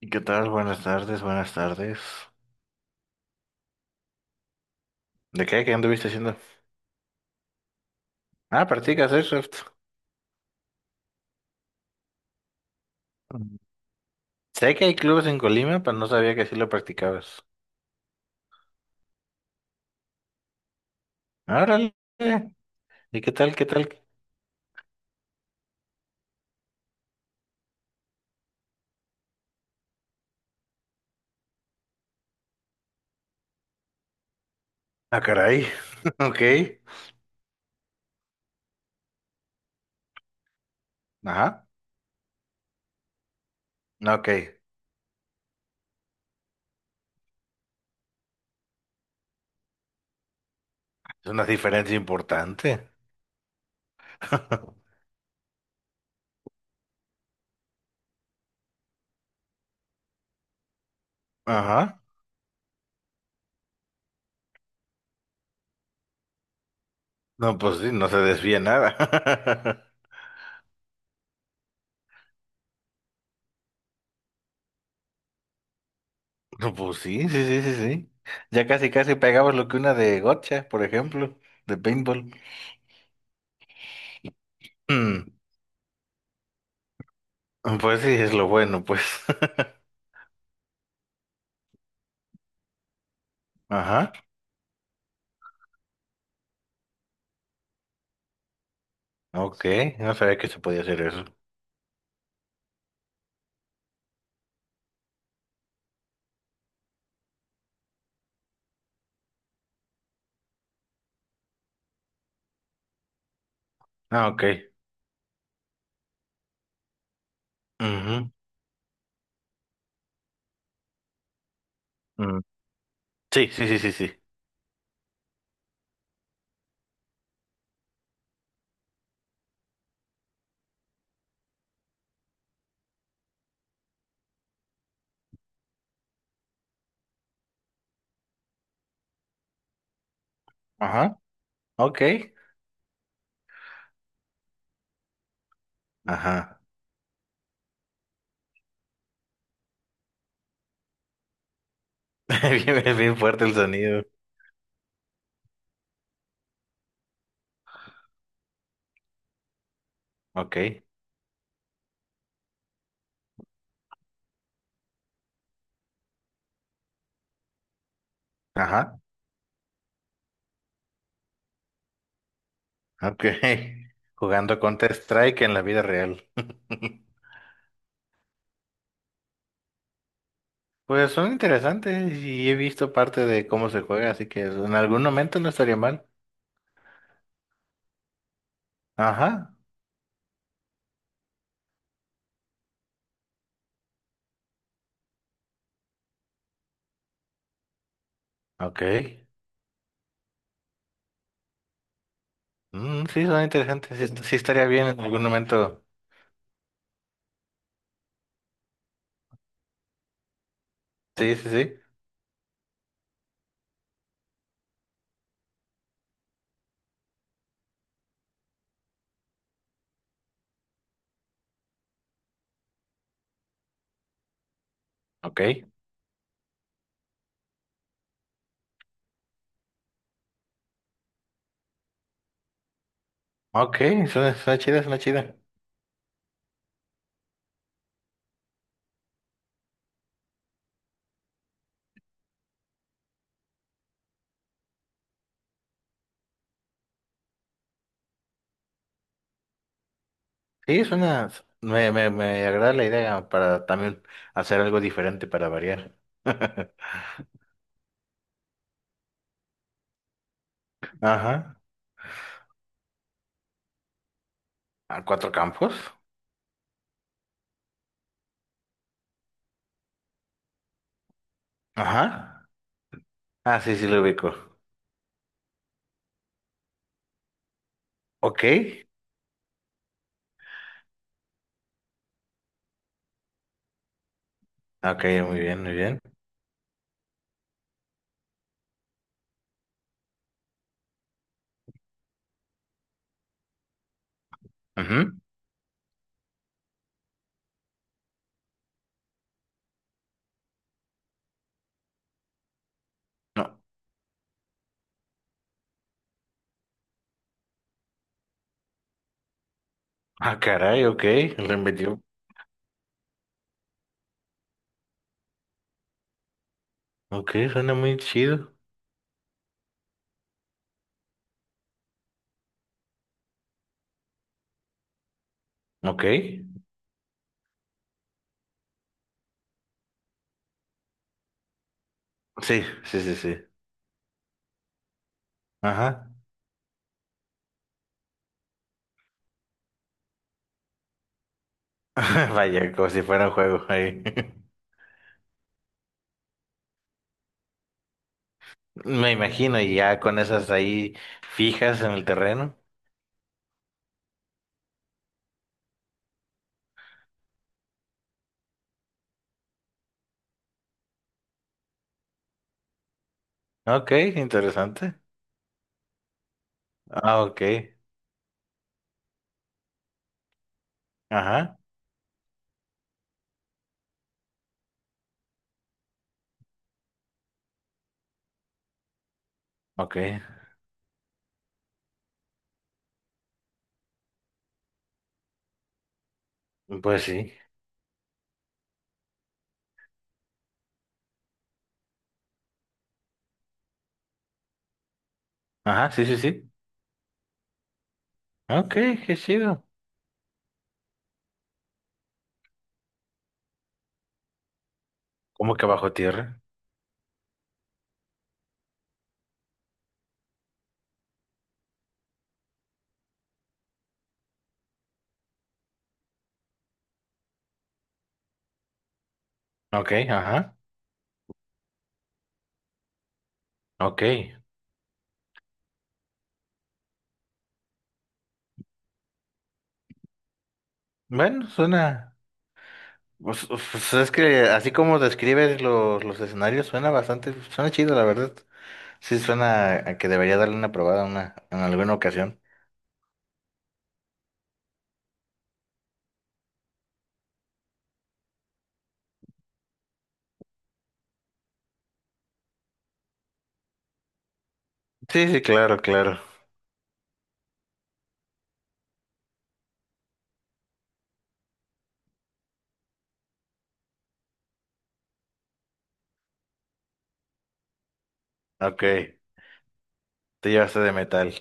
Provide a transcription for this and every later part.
¿Y ¿Qué tal? Buenas tardes, buenas tardes. ¿De qué? ¿Qué anduviste haciendo? Ah, practicas Airsoft. Mm. Sé que hay clubes en Colima, pero no sabía que sí lo practicabas. Árale. ¿Y qué tal? ¿Qué tal? Ah, caray. Ok. Ajá. Ok. Es una diferencia importante. Ajá. No, pues sí, no se desvía nada. No, pues sí, sí, sí, sí, sí. Ya casi, casi pegabas lo que una de gotcha, por ejemplo, de paintball. Mm. Pues sí, es lo bueno, pues. Ajá, ok, no sabía que se podía hacer eso. Ah, ok. Ujú, mm. Sí, sí, sí, sí, sí. Ajá, ok. Ajá. Bien, es bien fuerte el sonido. Ok, ajá, ok. Jugando Counter Strike en la vida real. Pues son interesantes y he visto parte de cómo se juega, así que en algún momento no estaría mal. Ajá, ok. Mm, sí, son interesantes. Sí, sí estaría bien en algún momento. Sí, sí, sí. Ok, ok, suena, suena chida, suena chida. Sí, suena, me agrada la idea para también hacer algo diferente para variar. Ajá. ¿A cuatro campos? Ajá. Ah, sí, sí lo ubico. Ok. Ok, muy bien, muy bien. Ujú. No. Ah, caray, ok. Lo inventó. Ok, suena muy chido. Ok. Sí, sí, sí, sí. Ajá. Vaya, como si fuera un juego ahí. Me imagino, y ya con esas ahí fijas en el terreno. Ok, interesante. Ah, ok. Ajá, ok. Pues sí. Ajá, sí, sí, sí. Ok, qué chido. ¿Cómo que bajo tierra? Ok, ajá, ok. Bueno, suena. Pues, pues es que así como describes los escenarios, suena bastante, suena chido, la verdad. Sí, suena a que debería darle una probada una, en alguna ocasión. Sí, sí, claro, claro. Ok, te llevaste de metal.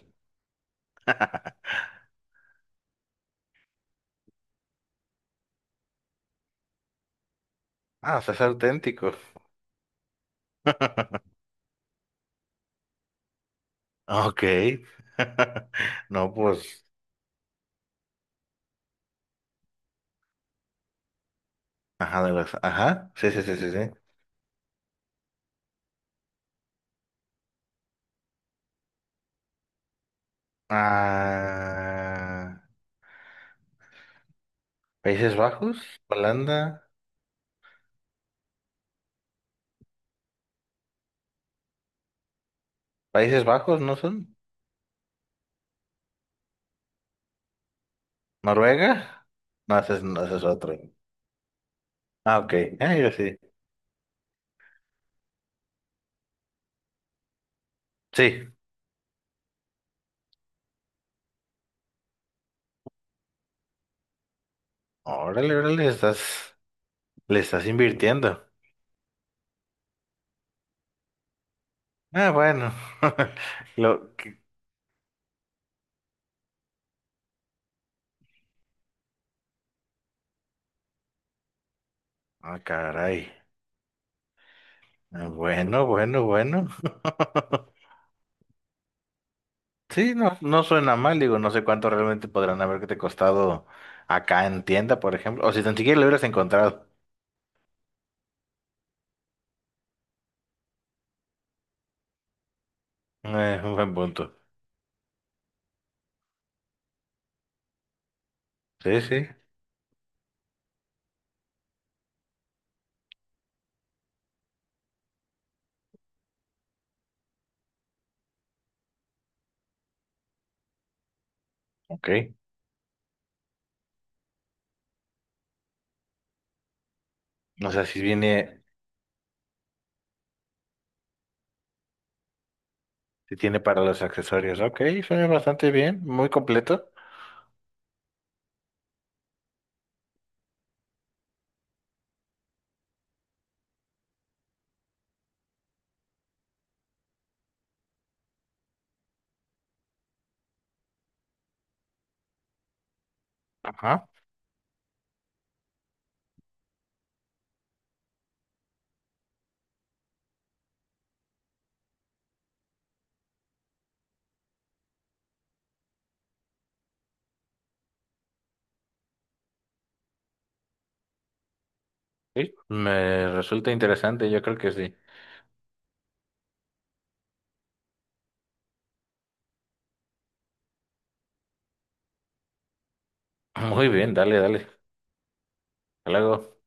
Ah, o sea, es auténtico. Ok. No, pues. Ajá, de las. Ajá. Sí, sí, sí, sí, sí. Ah, Países Bajos, Holanda, Países Bajos, ¿no son? Noruega, no, ese es, no, ese es otro. Ah, ok, ah, yo sí. Sí, órale, órale, estás, le estás invirtiendo. Ah, bueno, lo que, ah, caray. Ah, bueno, bueno, bueno. Sí, no, no suena mal, digo, no sé cuánto realmente podrán haberte costado acá en tienda, por ejemplo, o si tan siquiera lo hubieras encontrado. Un buen punto. Sí, sí, ok. O sea, si viene, si tiene para los accesorios. Ok, suena bastante bien, muy completo. Ajá. Sí. Me resulta interesante, yo creo que sí. Muy bien, dale, dale. Hasta luego.